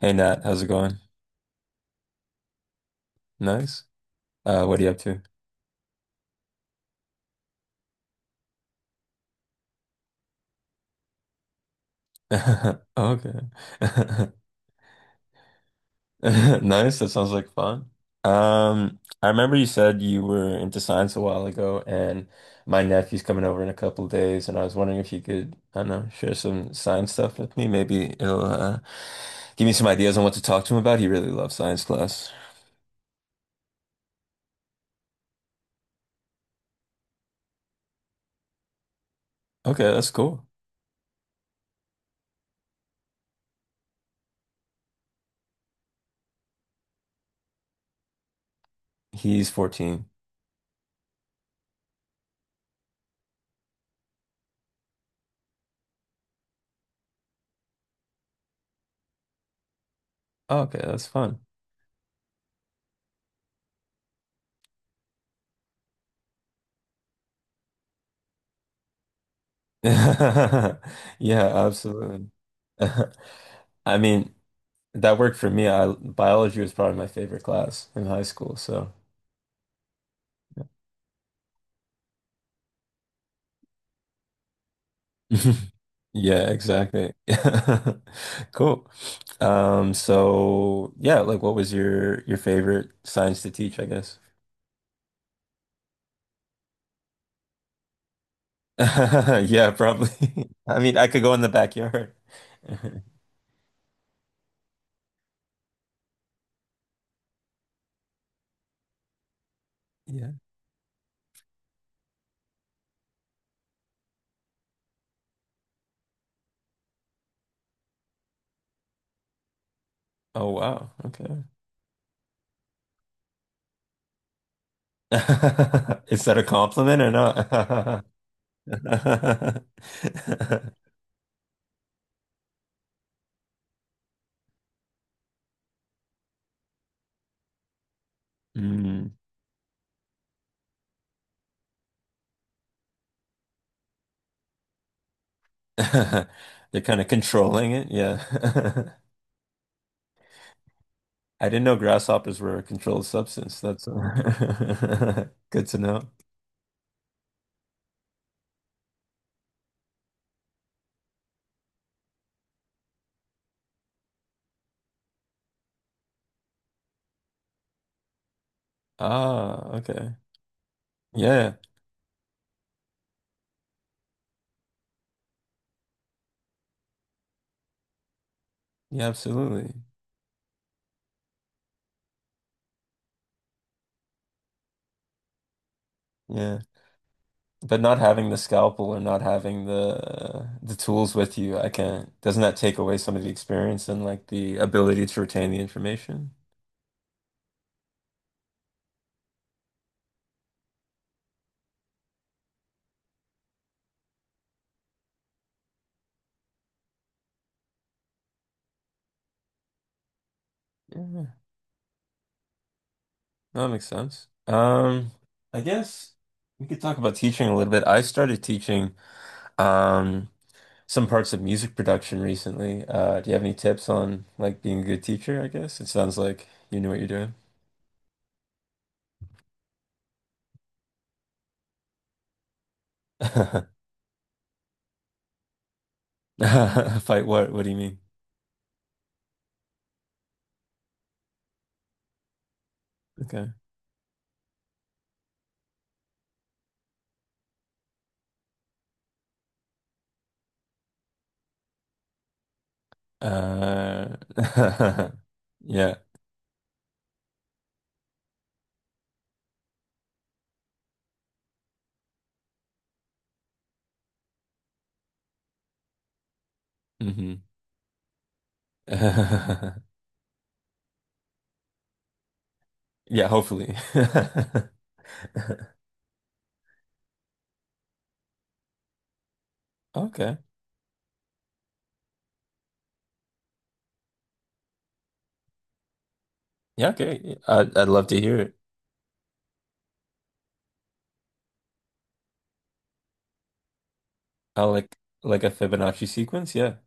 Hey Nat, how's it going? Nice. What are you up to? Okay. Nice. That sounds like fun. I remember you said you were into science a while ago, and my nephew's coming over in a couple of days, and I was wondering if you could, I don't know, share some science stuff with me. Maybe it'll give me some ideas on what to talk to him about. He really loves science class. Okay, that's cool. He's 14. Oh, okay, that's fun. Yeah, absolutely. I mean, that worked for me. I biology was probably my favorite class in high school, so yeah, exactly. Cool. So yeah, like what was your favorite science to teach, I guess? Yeah, probably. I mean, I could go in the backyard. Yeah. Oh wow. Okay. Is that a compliment or not? Mm. They're kind of controlling it. Yeah. I didn't know grasshoppers were a controlled substance. That's good to know. Ah, okay. Yeah, yeah, absolutely. Yeah. But not having the scalpel or not having the the tools with you, I can't. Doesn't that take away some of the experience and like the ability to retain the information? Yeah, that makes sense. I guess we could talk about teaching a little bit. I started teaching. Um, some parts of music production recently. Do you have any tips on like being a good teacher, I guess? It sounds like you knew what you're doing. Fight what? What do you mean? Okay. Uh, yeah. hmm Yeah, hopefully. Okay. Yeah, okay. I'd love to hear it. I like a Fibonacci sequence, yeah.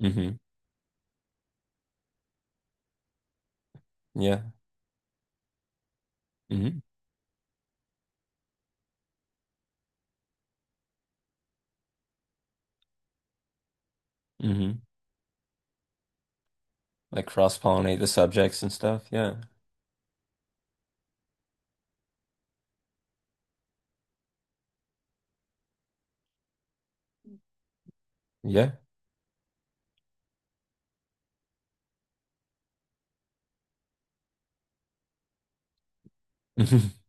hmm Yeah. hmm hmm Like cross-pollinate the subjects and stuff. Yeah. Yeah.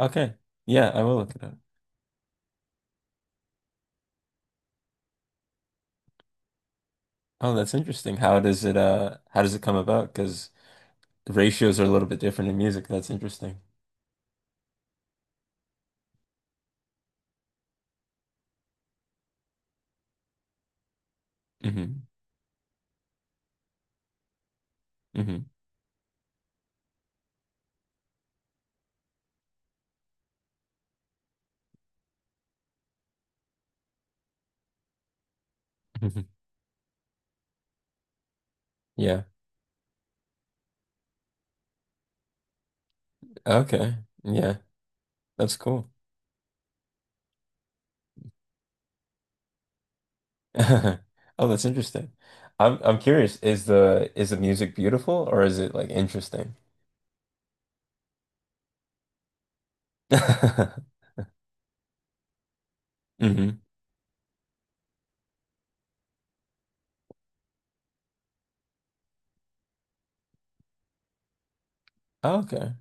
Okay. Yeah, I will look it up. Oh, that's interesting. How does it how does it come about? Because ratios are a little bit different in music. That's interesting. Hmm hmm hmm Yeah. Okay. Yeah. That's cool. Oh, that's interesting. I'm curious, is the music beautiful or is it like interesting? hmm Oh, okay.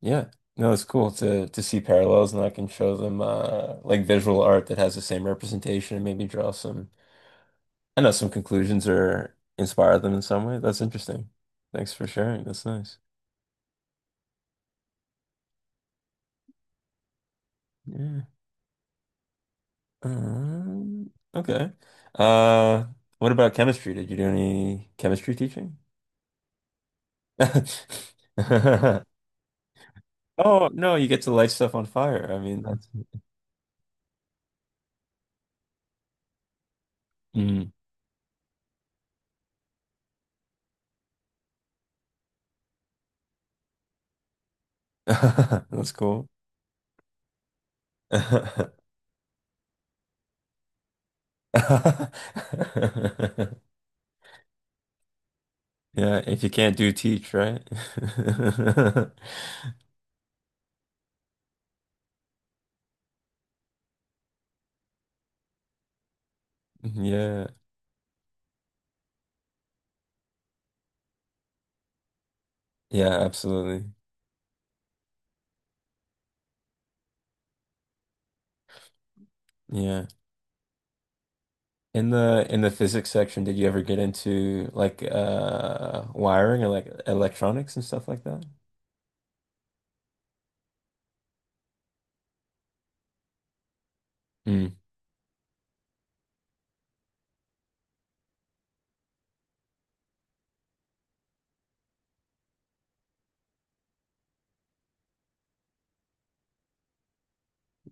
Yeah. No, it's cool to see parallels and I can show them like visual art that has the same representation and maybe draw some I know some conclusions are inspire them in some way. That's interesting. Thanks for sharing. That's nice. Yeah. Okay. Uh, what about chemistry? Did you do any chemistry teaching? Oh, no, you get to light stuff on fire. I mean, that's Mm. That's cool. Yeah, if you can't do teach, right? Yeah. Yeah, absolutely. Yeah. In the physics section, did you ever get into like wiring or like electronics and stuff like that? Mm,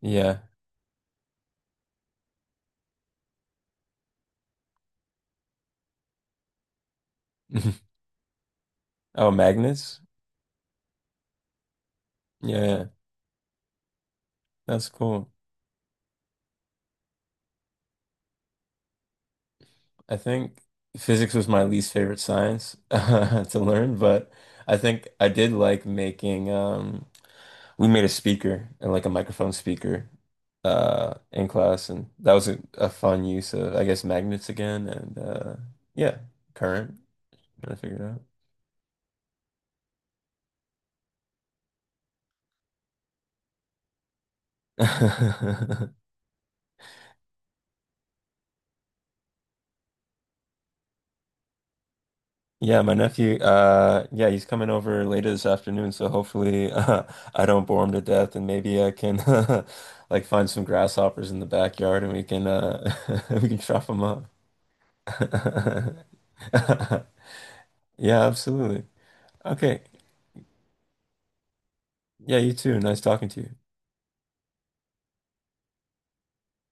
yeah. Oh, magnets? Yeah, that's cool. I think physics was my least favorite science to learn, but I think I did like making we made a speaker and like a microphone speaker in class and that was a fun use of I guess magnets again and yeah, current trying to figure it out. Yeah, my nephew, yeah, he's coming over later this afternoon, so hopefully I don't bore him to death and maybe I can like find some grasshoppers in the backyard and we can we can chop them up. Yeah, absolutely. Okay. Yeah, you too. Nice talking to you.